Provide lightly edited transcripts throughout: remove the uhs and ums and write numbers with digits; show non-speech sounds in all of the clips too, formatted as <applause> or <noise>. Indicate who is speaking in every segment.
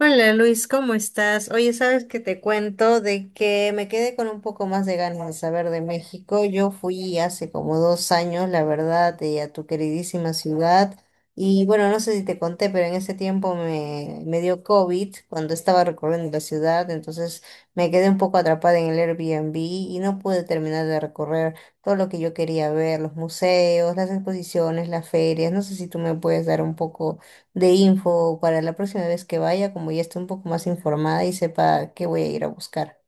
Speaker 1: Hola Luis, ¿cómo estás? Oye, sabes que te cuento de que me quedé con un poco más de ganas de saber de México. Yo fui hace como 2 años, la verdad, a tu queridísima ciudad. Y bueno, no sé si te conté, pero en ese tiempo me dio COVID cuando estaba recorriendo la ciudad, entonces me quedé un poco atrapada en el Airbnb y no pude terminar de recorrer todo lo que yo quería ver, los museos, las exposiciones, las ferias. No sé si tú me puedes dar un poco de info para la próxima vez que vaya, como ya esté un poco más informada y sepa qué voy a ir a buscar.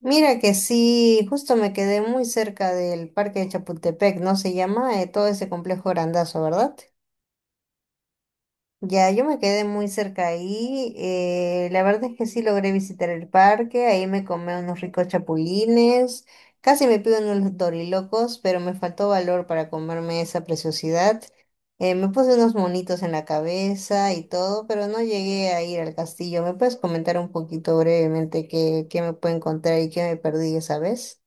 Speaker 1: Mira que sí, justo me quedé muy cerca del Parque de Chapultepec, ¿no se llama? Todo ese complejo grandazo, ¿verdad? Ya, yo me quedé muy cerca ahí. La verdad es que sí logré visitar el parque. Ahí me comí unos ricos chapulines. Casi me pido unos dorilocos, pero me faltó valor para comerme esa preciosidad. Me puse unos monitos en la cabeza y todo, pero no llegué a ir al castillo. ¿Me puedes comentar un poquito brevemente qué me puedo encontrar y qué me perdí esa vez?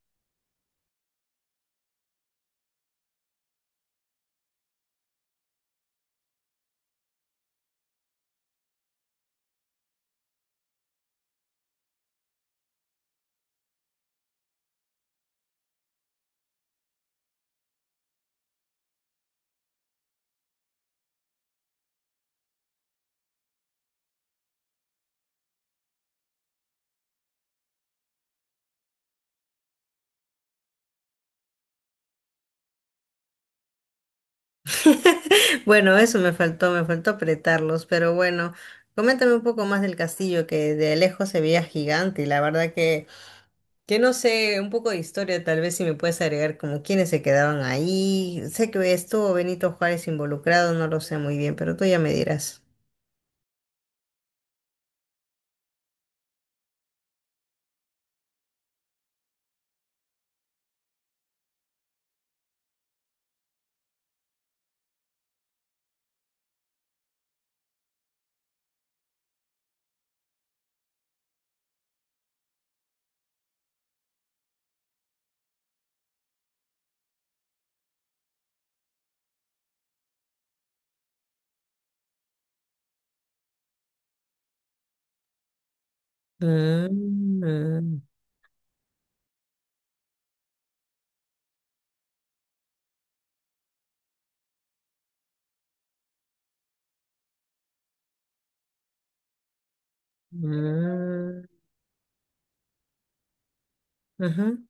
Speaker 1: <laughs> Bueno, eso me faltó apretarlos, pero bueno, coméntame un poco más del castillo que de lejos se veía gigante y la verdad que no sé, un poco de historia tal vez si me puedes agregar como quiénes se quedaban ahí, sé que estuvo Benito Juárez involucrado, no lo sé muy bien, pero tú ya me dirás. Mm, mm, ujú.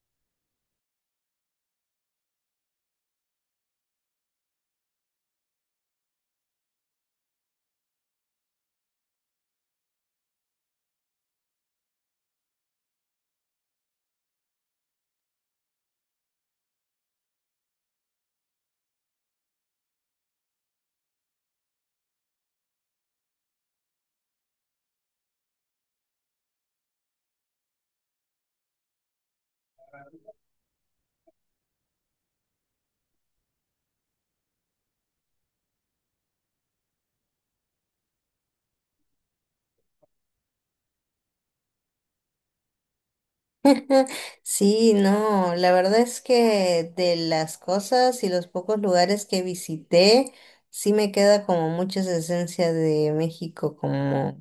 Speaker 1: <laughs> Sí, no, la verdad es que de las cosas y los pocos lugares que visité, sí me queda como mucha esa esencia de México, como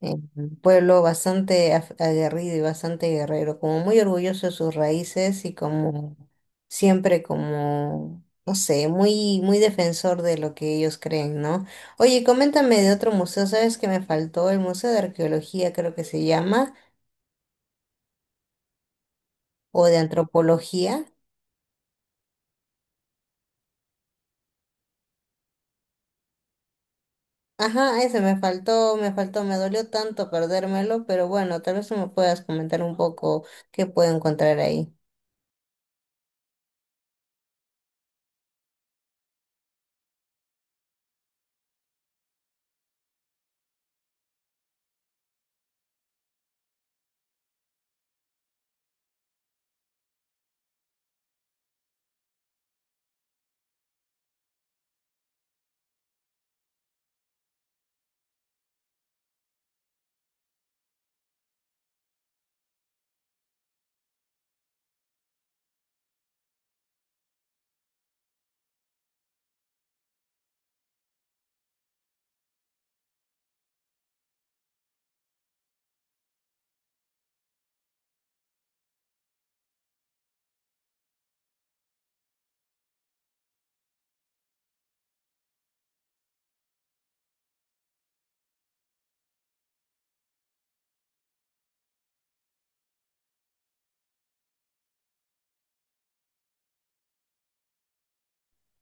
Speaker 1: un pueblo bastante aguerrido y bastante guerrero, como muy orgulloso de sus raíces y como siempre como, no sé, muy defensor de lo que ellos creen, ¿no? Oye, coméntame de otro museo, ¿sabes que me faltó? El Museo de Arqueología creo que se llama, o de Antropología. Ajá, ese me faltó, me faltó, me dolió tanto perdérmelo, pero bueno, tal vez tú me puedas comentar un poco qué puedo encontrar ahí.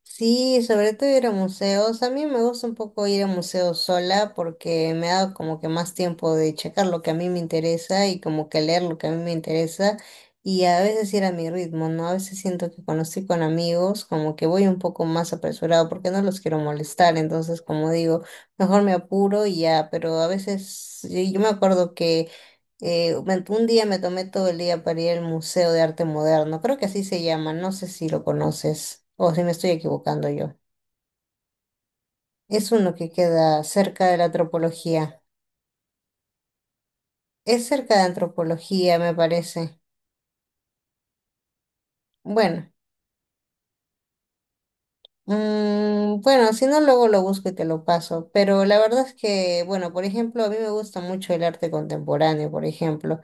Speaker 1: Sí, sobre todo ir a museos. A mí me gusta un poco ir a museos sola porque me da como que más tiempo de checar lo que a mí me interesa y como que leer lo que a mí me interesa y a veces ir a mi ritmo, ¿no? A veces siento que cuando estoy con amigos como que voy un poco más apresurado porque no los quiero molestar, entonces como digo, mejor me apuro y ya, pero a veces yo me acuerdo que un día me tomé todo el día para ir al Museo de Arte Moderno, creo que así se llama, no sé si lo conoces o si me estoy equivocando yo. Es uno que queda cerca de la antropología. Es cerca de antropología, me parece. Bueno, mm, bueno, si no, luego lo busco y te lo paso. Pero la verdad es que, bueno, por ejemplo, a mí me gusta mucho el arte contemporáneo, por ejemplo.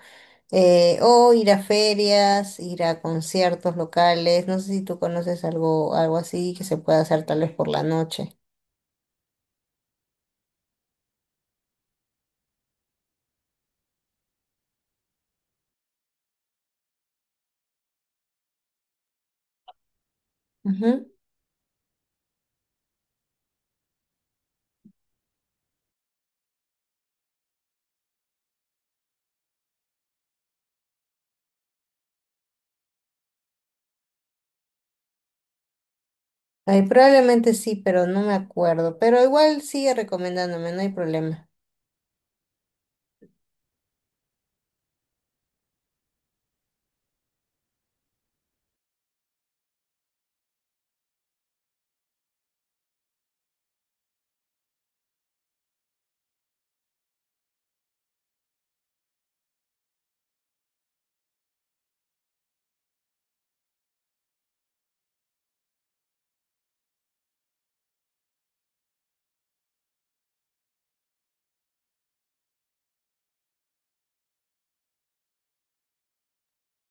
Speaker 1: O ir a ferias, ir a conciertos locales. No sé si tú conoces algo, algo así que se pueda hacer tal vez por la noche. Ujú. Ay, probablemente sí, pero no me acuerdo. Pero igual sigue recomendándome, no hay problema.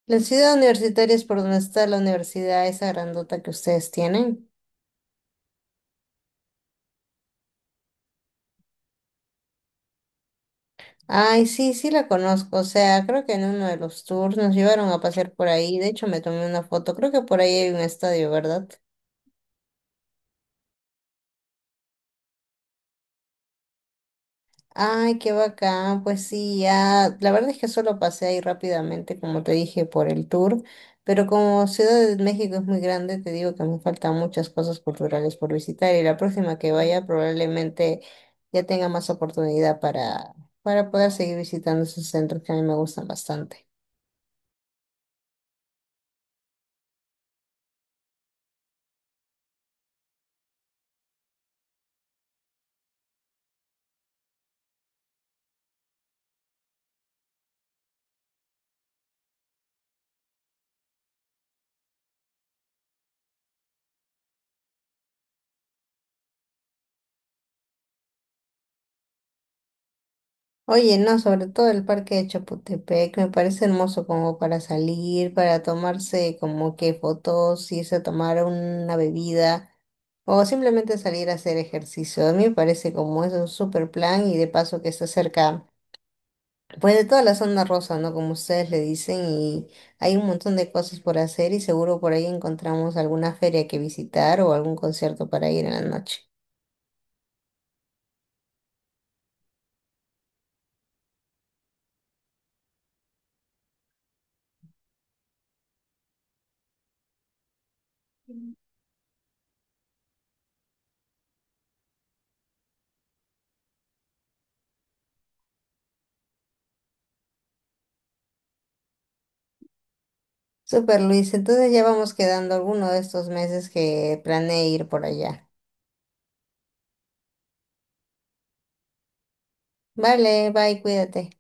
Speaker 1: La ciudad universitaria es por donde está la universidad, esa grandota que ustedes tienen. Ay, sí, sí la conozco. O sea, creo que en uno de los tours nos llevaron a pasear por ahí. De hecho, me tomé una foto. Creo que por ahí hay un estadio, ¿verdad? Ay, qué bacán, pues sí, ya, la verdad es que solo pasé ahí rápidamente, como te dije, por el tour, pero como Ciudad de México es muy grande, te digo que me faltan muchas cosas culturales por visitar y la próxima que vaya probablemente ya tenga más oportunidad para poder seguir visitando esos centros que a mí me gustan bastante. Oye, no, sobre todo el parque de Chapultepec me parece hermoso como para salir, para tomarse como que fotos, irse a tomar una bebida o simplemente salir a hacer ejercicio. A mí me parece como es un super plan y de paso que está cerca, pues de toda la zona rosa, ¿no? Como ustedes le dicen y hay un montón de cosas por hacer y seguro por ahí encontramos alguna feria que visitar o algún concierto para ir en la noche. Super Luis, entonces ya vamos quedando alguno de estos meses que planeé ir por allá. Vale, bye, cuídate.